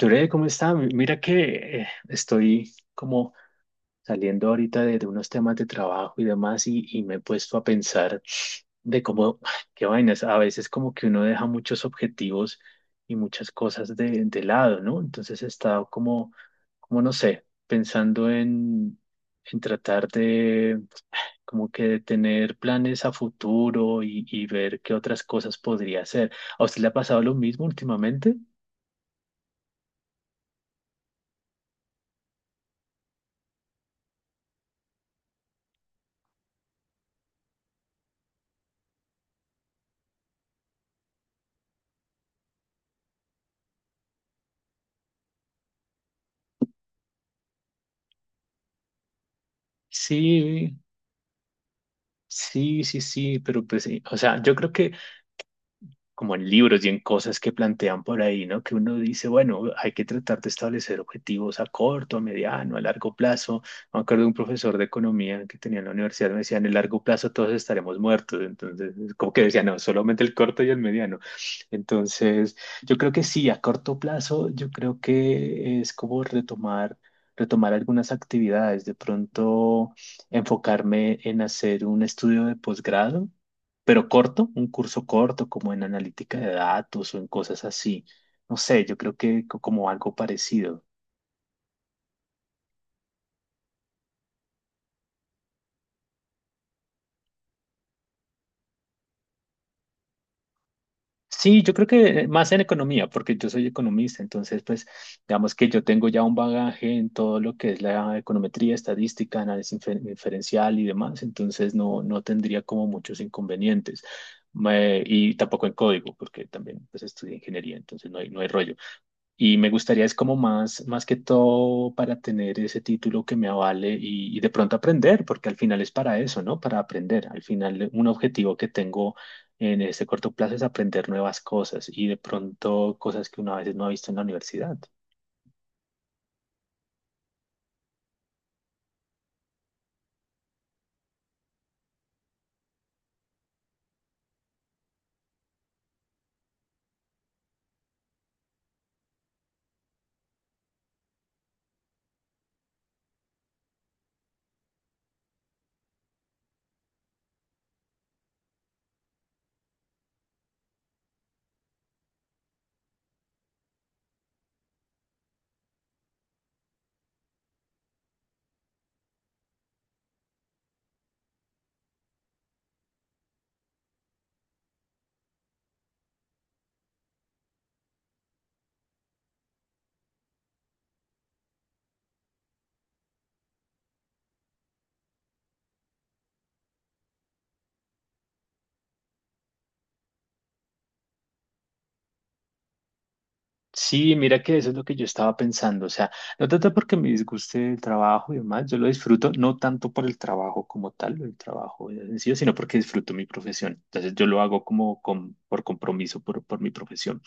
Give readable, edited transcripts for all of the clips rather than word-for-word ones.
Yure, ¿cómo está? Mira que estoy como saliendo ahorita de unos temas de trabajo y demás y me he puesto a pensar de cómo, ay, qué vainas, a veces como que uno deja muchos objetivos y muchas cosas de lado, ¿no? Entonces he estado como no sé, en tratar de como que de tener planes a futuro y ver qué otras cosas podría hacer. ¿A usted le ha pasado lo mismo últimamente? Sí. Sí, pero o sea, yo creo que como en libros y en cosas que plantean por ahí, ¿no? Que uno dice, bueno, hay que tratar de establecer objetivos a corto, a mediano, a largo plazo. Me acuerdo de un profesor de economía que tenía en la universidad, me decía, en el largo plazo todos estaremos muertos. Entonces, como que decía, no, solamente el corto y el mediano. Entonces, yo creo que sí, a corto plazo, yo creo que es como retomar algunas actividades, de pronto enfocarme en hacer un estudio de posgrado pero corto, un curso corto, como en analítica de datos o en cosas así. No sé, yo creo que como algo parecido. Sí, yo creo que más en economía, porque yo soy economista, entonces pues digamos que yo tengo ya un bagaje en todo lo que es la econometría, estadística, análisis inferencial y demás, entonces no tendría como muchos inconvenientes. Y tampoco en código, porque también pues estudié ingeniería, entonces no hay rollo. Y me gustaría es como más, más que todo para tener ese título que me avale y de pronto aprender, porque al final es para eso, ¿no? Para aprender. Al final un objetivo que tengo en este corto plazo es aprender nuevas cosas y de pronto cosas que una vez no ha visto en la universidad. Sí, mira que eso es lo que yo estaba pensando, o sea, no tanto porque me disguste el trabajo y demás, yo lo disfruto no tanto por el trabajo como tal, el trabajo en sí, sino porque disfruto mi profesión, entonces yo lo hago como por compromiso, por mi profesión,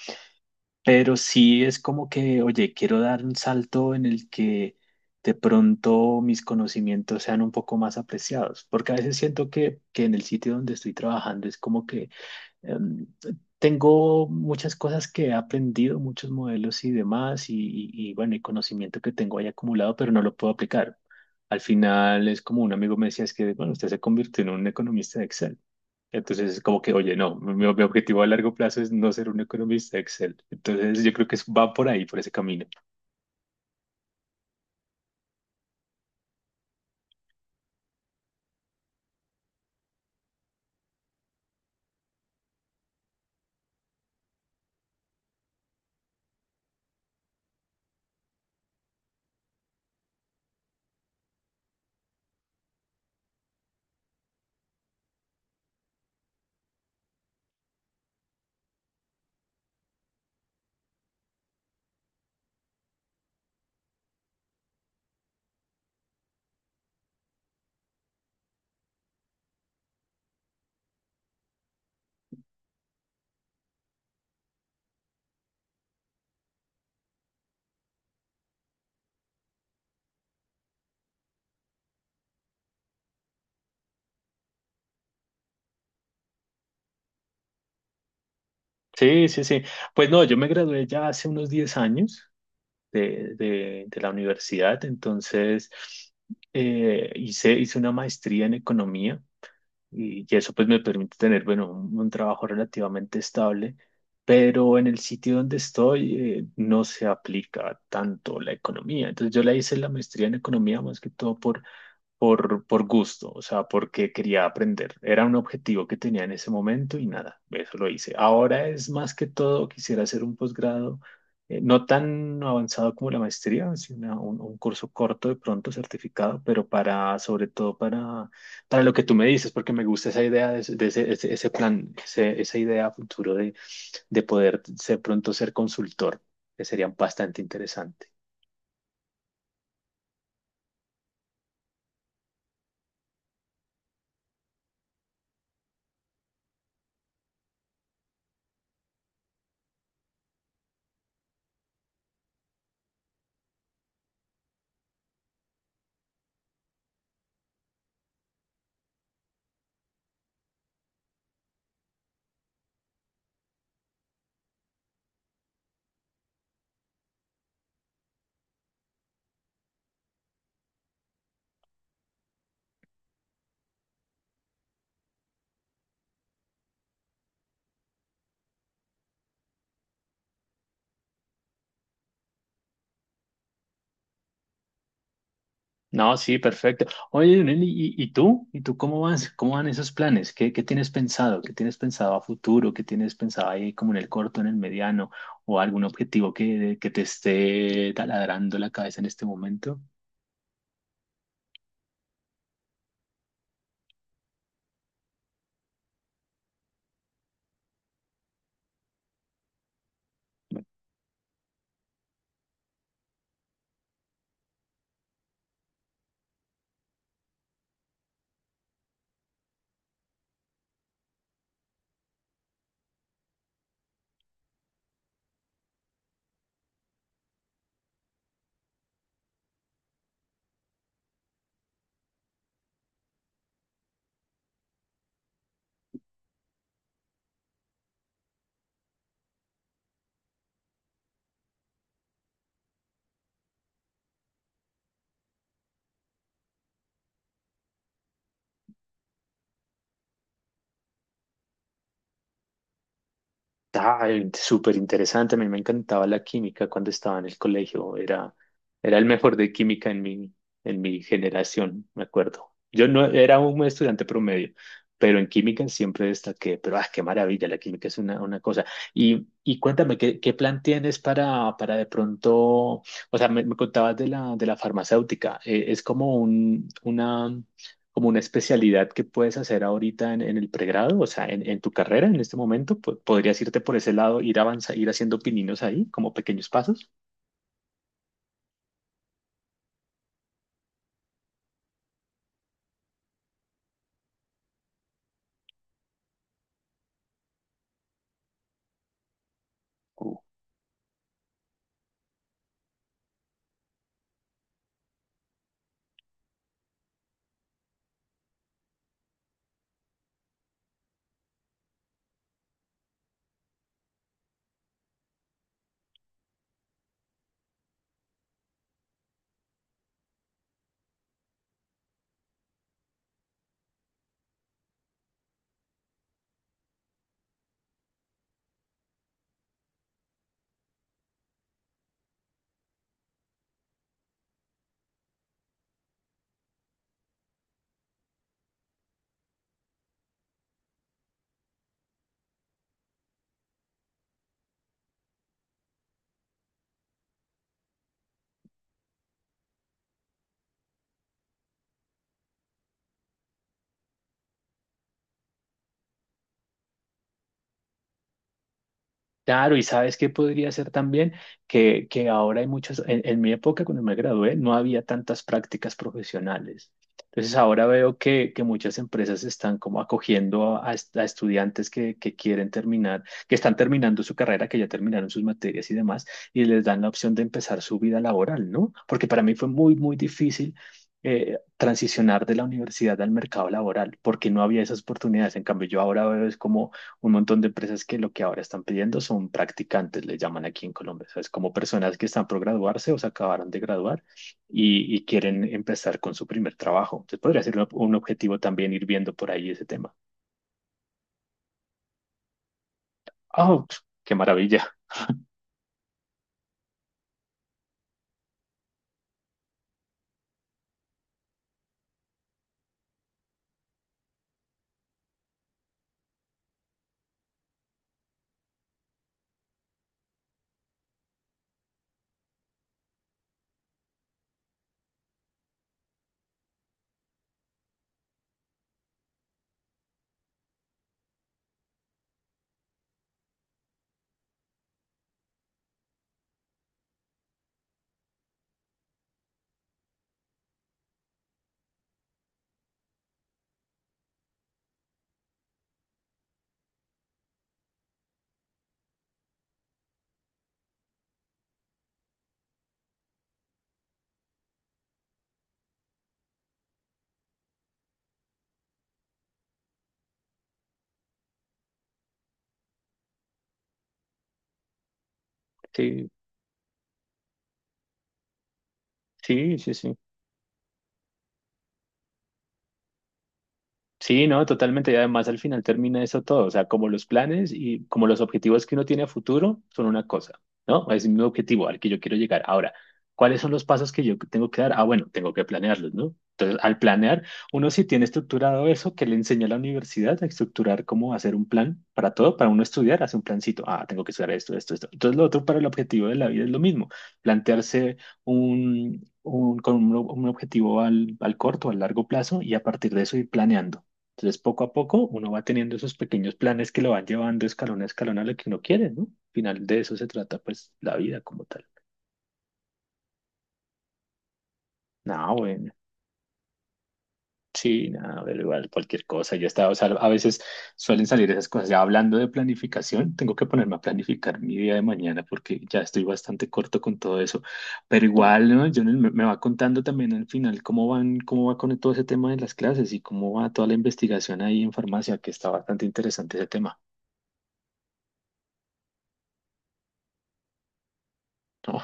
pero sí es como que, oye, quiero dar un salto en el que de pronto mis conocimientos sean un poco más apreciados, porque a veces siento que en el sitio donde estoy trabajando es como que em, tengo muchas cosas que he aprendido, muchos modelos y demás, y, bueno, y conocimiento que tengo ahí acumulado, pero no lo puedo aplicar. Al final es como un amigo me decía, es que, bueno, usted se convirtió en un economista de Excel. Entonces es como que, oye, no, mi objetivo a largo plazo es no ser un economista de Excel. Entonces yo creo que va por ahí, por ese camino. Sí, sí, sí. Pues no, yo me gradué ya hace unos 10 años de la universidad. Entonces, hice una maestría en economía y eso pues me permite tener, bueno, un trabajo relativamente estable, pero en el sitio donde estoy no se aplica tanto la economía. Entonces, yo la hice la maestría en economía más que todo por gusto, o sea, porque quería aprender. Era un objetivo que tenía en ese momento y nada, eso lo hice. Ahora es más que todo, quisiera hacer un posgrado, no tan avanzado como la maestría, sino un curso corto de pronto certificado, pero sobre todo para lo que tú me dices, porque me gusta esa idea, ese plan, esa idea a futuro de poder ser pronto ser consultor, que sería bastante interesante. No, sí, perfecto. Oye, Leonel, y tú? ¿Y tú cómo vas? ¿Cómo van esos planes? Qué tienes pensado? ¿Qué tienes pensado a futuro? ¿Qué tienes pensado ahí como en el corto, en el mediano? ¿O algún objetivo que te esté taladrando la cabeza en este momento? Ay, súper interesante. A mí me encantaba la química cuando estaba en el colegio. Era el mejor de química en en mi generación, me acuerdo. Yo no era un estudiante promedio, pero en química siempre destaqué. Pero ah, qué maravilla, la química es una cosa. Y cuéntame, qué plan tienes para de pronto? O sea, me contabas de de la farmacéutica. Es como una como una especialidad que puedes hacer ahorita en el pregrado, o sea, en tu carrera en este momento, podrías irte por ese lado, ir avanza, ir haciendo pininos ahí, como pequeños pasos. Claro, y sabes qué podría ser también que ahora hay muchas, en mi época cuando me gradué no había tantas prácticas profesionales. Entonces ahora veo que muchas empresas están como acogiendo a estudiantes que quieren terminar, que están terminando su carrera, que ya terminaron sus materias y demás, y les dan la opción de empezar su vida laboral, ¿no? Porque para mí fue muy, muy difícil transicionar de la universidad al mercado laboral, porque no había esas oportunidades. En cambio, yo ahora veo es como un montón de empresas que lo que ahora están pidiendo son practicantes, le llaman aquí en Colombia, o sea, es como personas que están por graduarse o se acabaron de graduar y quieren empezar con su primer trabajo. Entonces podría ser un objetivo también ir viendo por ahí ese tema. ¡Oh, qué maravilla! Sí, sí, sí, sí. Sí, no, totalmente. Y además al final termina eso todo. O sea, como los planes y como los objetivos que uno tiene a futuro son una cosa, ¿no? Es mi objetivo al que yo quiero llegar. Ahora, ¿cuáles son los pasos que yo tengo que dar? Ah, bueno, tengo que planearlos, ¿no? Entonces, al planear, uno sí tiene estructurado eso que le enseña la universidad a estructurar cómo hacer un plan para todo, para uno estudiar, hace un plancito. Ah, tengo que estudiar esto, esto, esto. Entonces, lo otro para el objetivo de la vida es lo mismo, plantearse con un, un objetivo al corto, al largo plazo y a partir de eso ir planeando. Entonces, poco a poco uno va teniendo esos pequeños planes que lo van llevando escalón a escalón a lo que uno quiere, ¿no? Al final de eso se trata, pues, la vida como tal. No, bueno, sí, nada, pero igual cualquier cosa. Yo estaba, o sea, a veces suelen salir esas cosas. Ya hablando de planificación, tengo que ponerme a planificar mi día de mañana porque ya estoy bastante corto con todo eso. Pero igual, ¿no? Yo me va contando también al final cómo van, cómo va con todo ese tema de las clases y cómo va toda la investigación ahí en farmacia, que está bastante interesante ese tema. ¿No?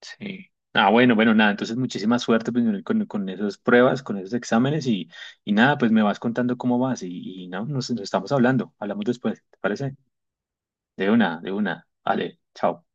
Sí. Ah, bueno, bueno, nada, entonces muchísima suerte pues, con esas pruebas, con esos exámenes y nada, pues me vas contando cómo vas y no, nos, nos estamos hablando, hablamos después, ¿te parece? De una, de una. Vale, chao.